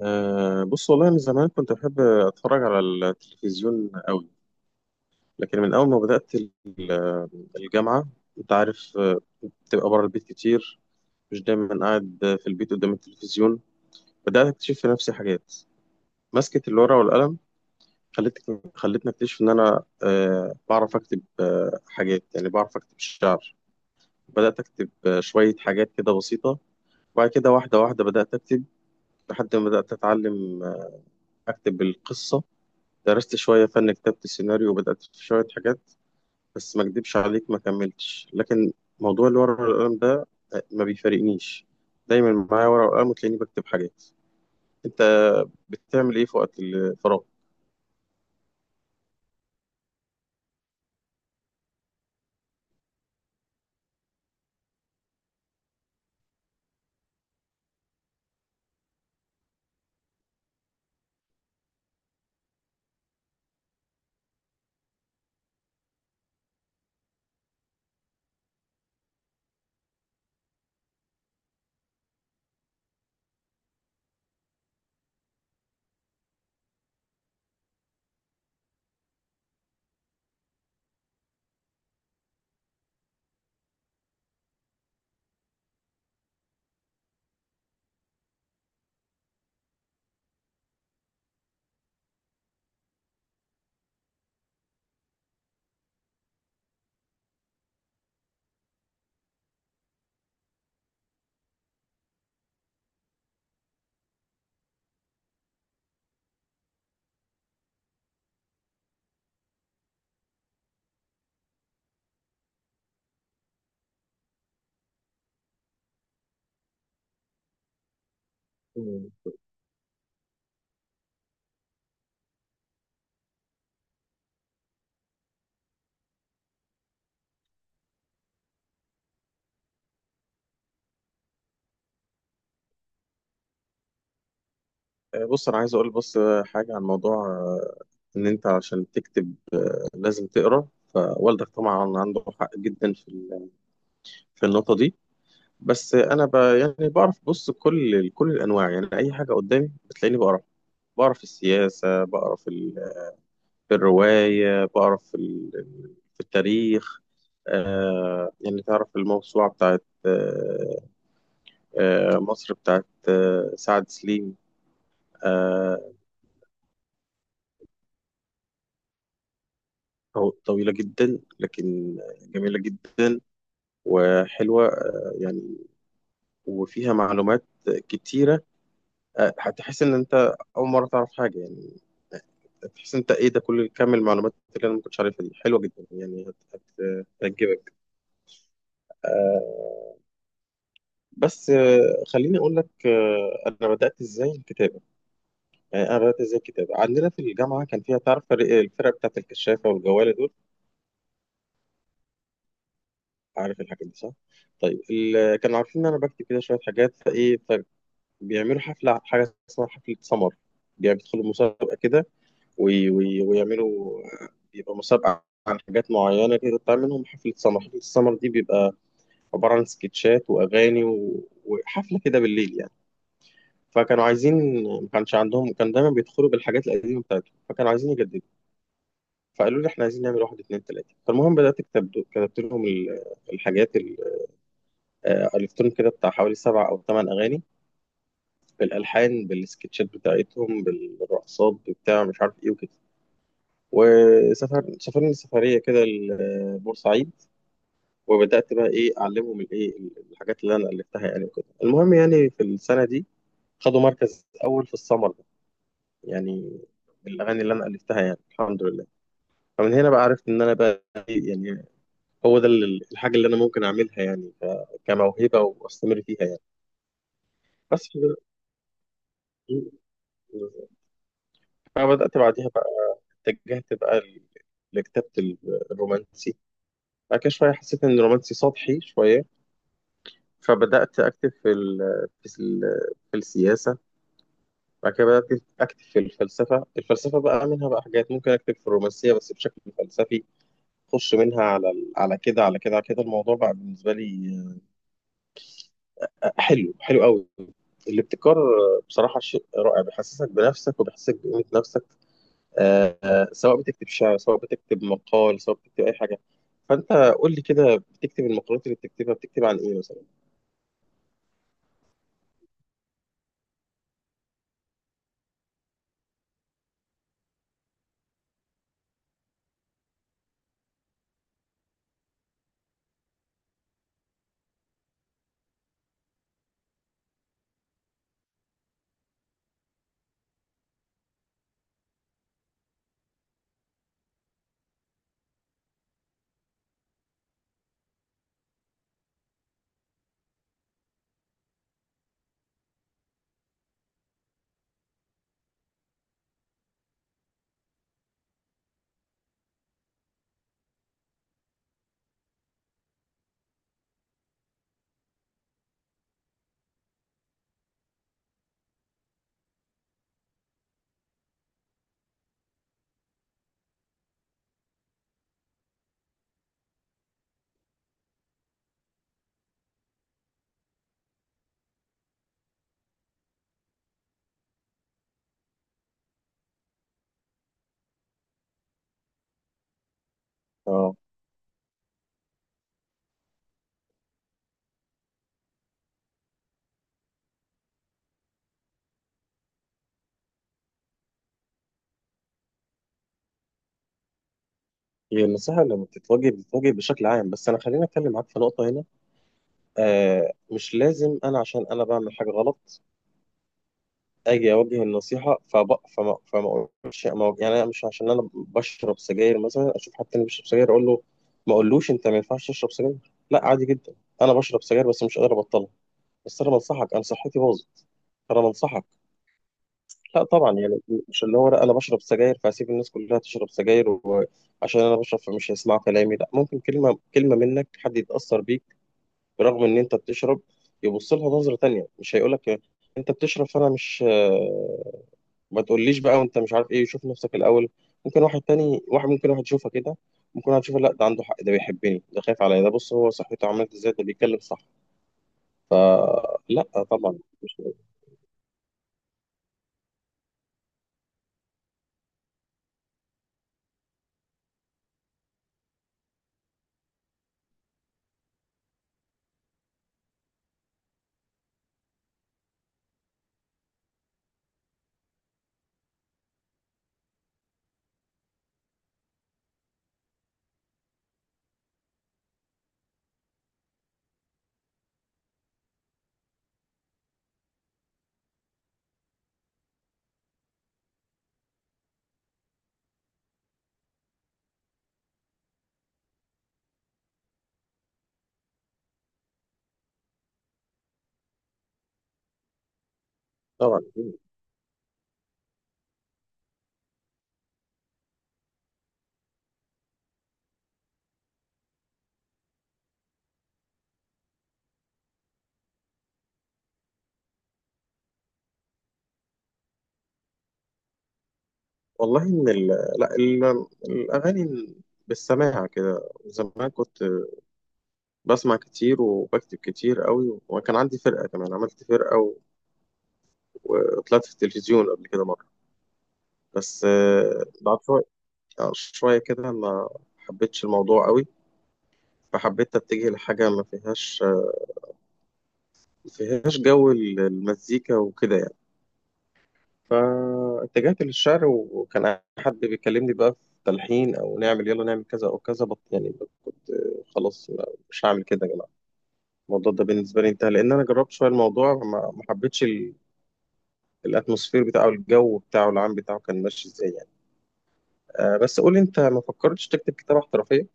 بص والله من زمان كنت بحب أتفرج على التلفزيون قوي، لكن من أول ما بدأت الجامعة أنت عارف، بتبقى بره البيت كتير، مش دايما قاعد في البيت قدام التلفزيون. بدأت أكتشف في نفسي حاجات. مسكة الورقة والقلم خلتني أكتشف إن أنا بعرف أكتب حاجات، يعني بعرف أكتب شعر. بدأت أكتب شوية حاجات كده بسيطة، وبعد كده واحدة واحدة بدأت أكتب، لحد ما بدأت أتعلم آه، أكتب القصة. درست شوية فن كتابة السيناريو وبدأت في شوية حاجات، بس ما أكدبش عليك ما كملتش. لكن موضوع الورق والقلم ده ما بيفارقنيش، دايما معايا ورقة وقلم وتلاقيني بكتب حاجات. أنت بتعمل إيه في وقت الفراغ؟ مم. بص أنا عايز أقول بس حاجة عن موضوع إن أنت عشان تكتب لازم تقرأ، فوالدك طبعا عنده حق جدا في في النقطة دي. بس أنا يعني بعرف، بص، كل الأنواع، يعني أي حاجة قدامي بتلاقيني بقرأ. بعرف السياسة، بعرف في الرواية، بقرا في في التاريخ. يعني تعرف الموسوعة بتاعت مصر، بتاعت سعد سليم. آه، طويلة جدا، لكن جميلة جدا وحلوة، يعني وفيها معلومات كتيرة. هتحس إن أنت أول مرة تعرف حاجة، يعني تحس أنت إيه ده، كل كم المعلومات اللي أنا ما كنتش عارفها دي، حلوة جدا يعني، هتعجبك. بس خليني أقول لك أنا بدأت إزاي الكتابة. يعني انا بدات ازاي الكتاب، عندنا في الجامعه كان فيها تعرف الفرق بتاعت الكشافه والجواله دول، عارف الحاجات دي صح. طيب، كانوا عارفين ان انا بكتب كده شويه حاجات. فايه فبيعملوا حفله، حاجه اسمها حفله سمر، يعني بيدخلوا مسابقه كده. وي وي ويعملوا، بيبقى مسابقه عن حاجات معينه كده، بتعمل منهم حفله سمر. حفله السمر دي بيبقى عباره عن سكتشات واغاني وحفله كده بالليل يعني. فكانوا عايزين، ما كانش عندهم، كان دايما بيدخلوا بالحاجات القديمه بتاعتهم فكانوا عايزين يجددوا، فقالوا لي احنا عايزين نعمل 1 2 3. فالمهم بدات اكتب، كتبت لهم الحاجات الفتهم كده بتاع حوالي 7 أو 8 اغاني، بالالحان بالسكتشات بتاعتهم بالرقصات بتاع مش عارف ايه وكده. سافرنا سفريه كده لبورسعيد، وبدات بقى ايه اعلمهم الايه الحاجات اللي انا الفتها يعني وكده. المهم يعني في السنه دي خدوا مركز اول في السمر ده، يعني بالاغاني اللي انا الفتها، يعني الحمد لله. فمن هنا بقى عرفت ان انا بقى إيه، يعني هو ده الحاجة اللي أنا ممكن أعملها، يعني كموهبة وأستمر فيها يعني. بس فبدأت بعديها بقى، اتجهت بقى لكتابة الرومانسي. بعد كده شوية حسيت إن الرومانسي سطحي شوية، فبدأت أكتب في, ال في السياسة. بعد كده بدأت أكتب في الفلسفة، الفلسفة بقى منها بقى حاجات ممكن أكتب في الرومانسية بس بشكل فلسفي. أخش منها على على كده، على كده على كده الموضوع بقى بالنسبة لي حلو، حلو قوي. الابتكار بصراحة شيء رائع، بيحسسك بنفسك وبيحسسك بقيمة نفسك. سواء بتكتب شعر، سواء بتكتب مقال، سواء بتكتب أي حاجة. فأنت قول لي كده، بتكتب المقالات اللي بتكتبها، بتكتب عن إيه مثلا؟ اه، هي النصيحة لما بتتوجه بتتوجه بشكل عام، بس أنا خليني أتكلم معاك في نقطة هنا. آه، مش لازم أنا عشان أنا بعمل حاجة غلط اجي اوجه النصيحه. فب... فما فما اقولش ما... أقول- يعني انا مش عشان انا بشرب سجاير مثلا، اشوف حد تاني بيشرب سجاير اقول له ما اقولوش انت ما ينفعش تشرب سجاير، لا عادي جدا. انا بشرب سجاير بس مش قادر ابطلها، بس انا بنصحك، انا صحتي باظت، انا بنصحك. لا طبعا، يعني مش اللي هو لا انا بشرب سجاير فهسيب الناس كلها تشرب سجاير، وعشان انا بشرب فمش هيسمعوا كلامي، لا ممكن كلمه كلمه منك حد يتاثر بيك. برغم ان انت بتشرب، يبص لها نظره تانيه، مش هيقول لك انت بتشرب فانا مش، ما تقوليش بقى وانت مش عارف ايه شوف نفسك الاول. ممكن واحد تاني، واحد ممكن واحد يشوفها كده، ممكن واحد يشوفها لا ده عنده حق، ده بيحبني، ده خايف عليا، ده بص هو صحته عملت ازاي، ده بيتكلم صح. لا طبعا، مش طبعا. والله ان ال... لا ال... الاغاني بالسماع كده، زمان كنت بسمع كتير وبكتب كتير قوي، وكان عندي فرقه كمان، عملت فرقه وطلعت في التلفزيون قبل كده مره. بس بعد شويه يعني، شويه كده ما حبيتش الموضوع قوي، فحبيت اتجه لحاجه ما فيهاش، ما فيهاش جو المزيكا وكده يعني. فاتجهت للشعر، وكان حد بيكلمني بقى في تلحين او نعمل يلا نعمل كذا او كذا بط يعني، كنت خلاص مش هعمل كده يا جماعه. الموضوع ده بالنسبه لي انتهى، لان انا جربت شويه الموضوع، ما حبيتش الاتموسفير بتاعه، الجو بتاعه العام بتاعه كان ماشي ازاي يعني. آه بس قول لي انت، ما فكرتش تكتب كتابه احترافيه؟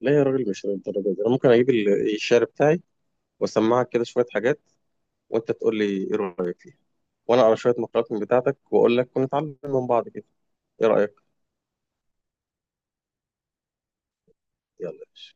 لا يا راجل مش للدرجه دي، انا ممكن اجيب الشعر بتاعي واسمعك كده شويه حاجات، وانت تقول لي ايه رايك فيها، وانا اقرا شويه مقالات من بتاعتك واقول لك، ونتعلم من بعض كده. ايه رايك؟ يلا يا باشا.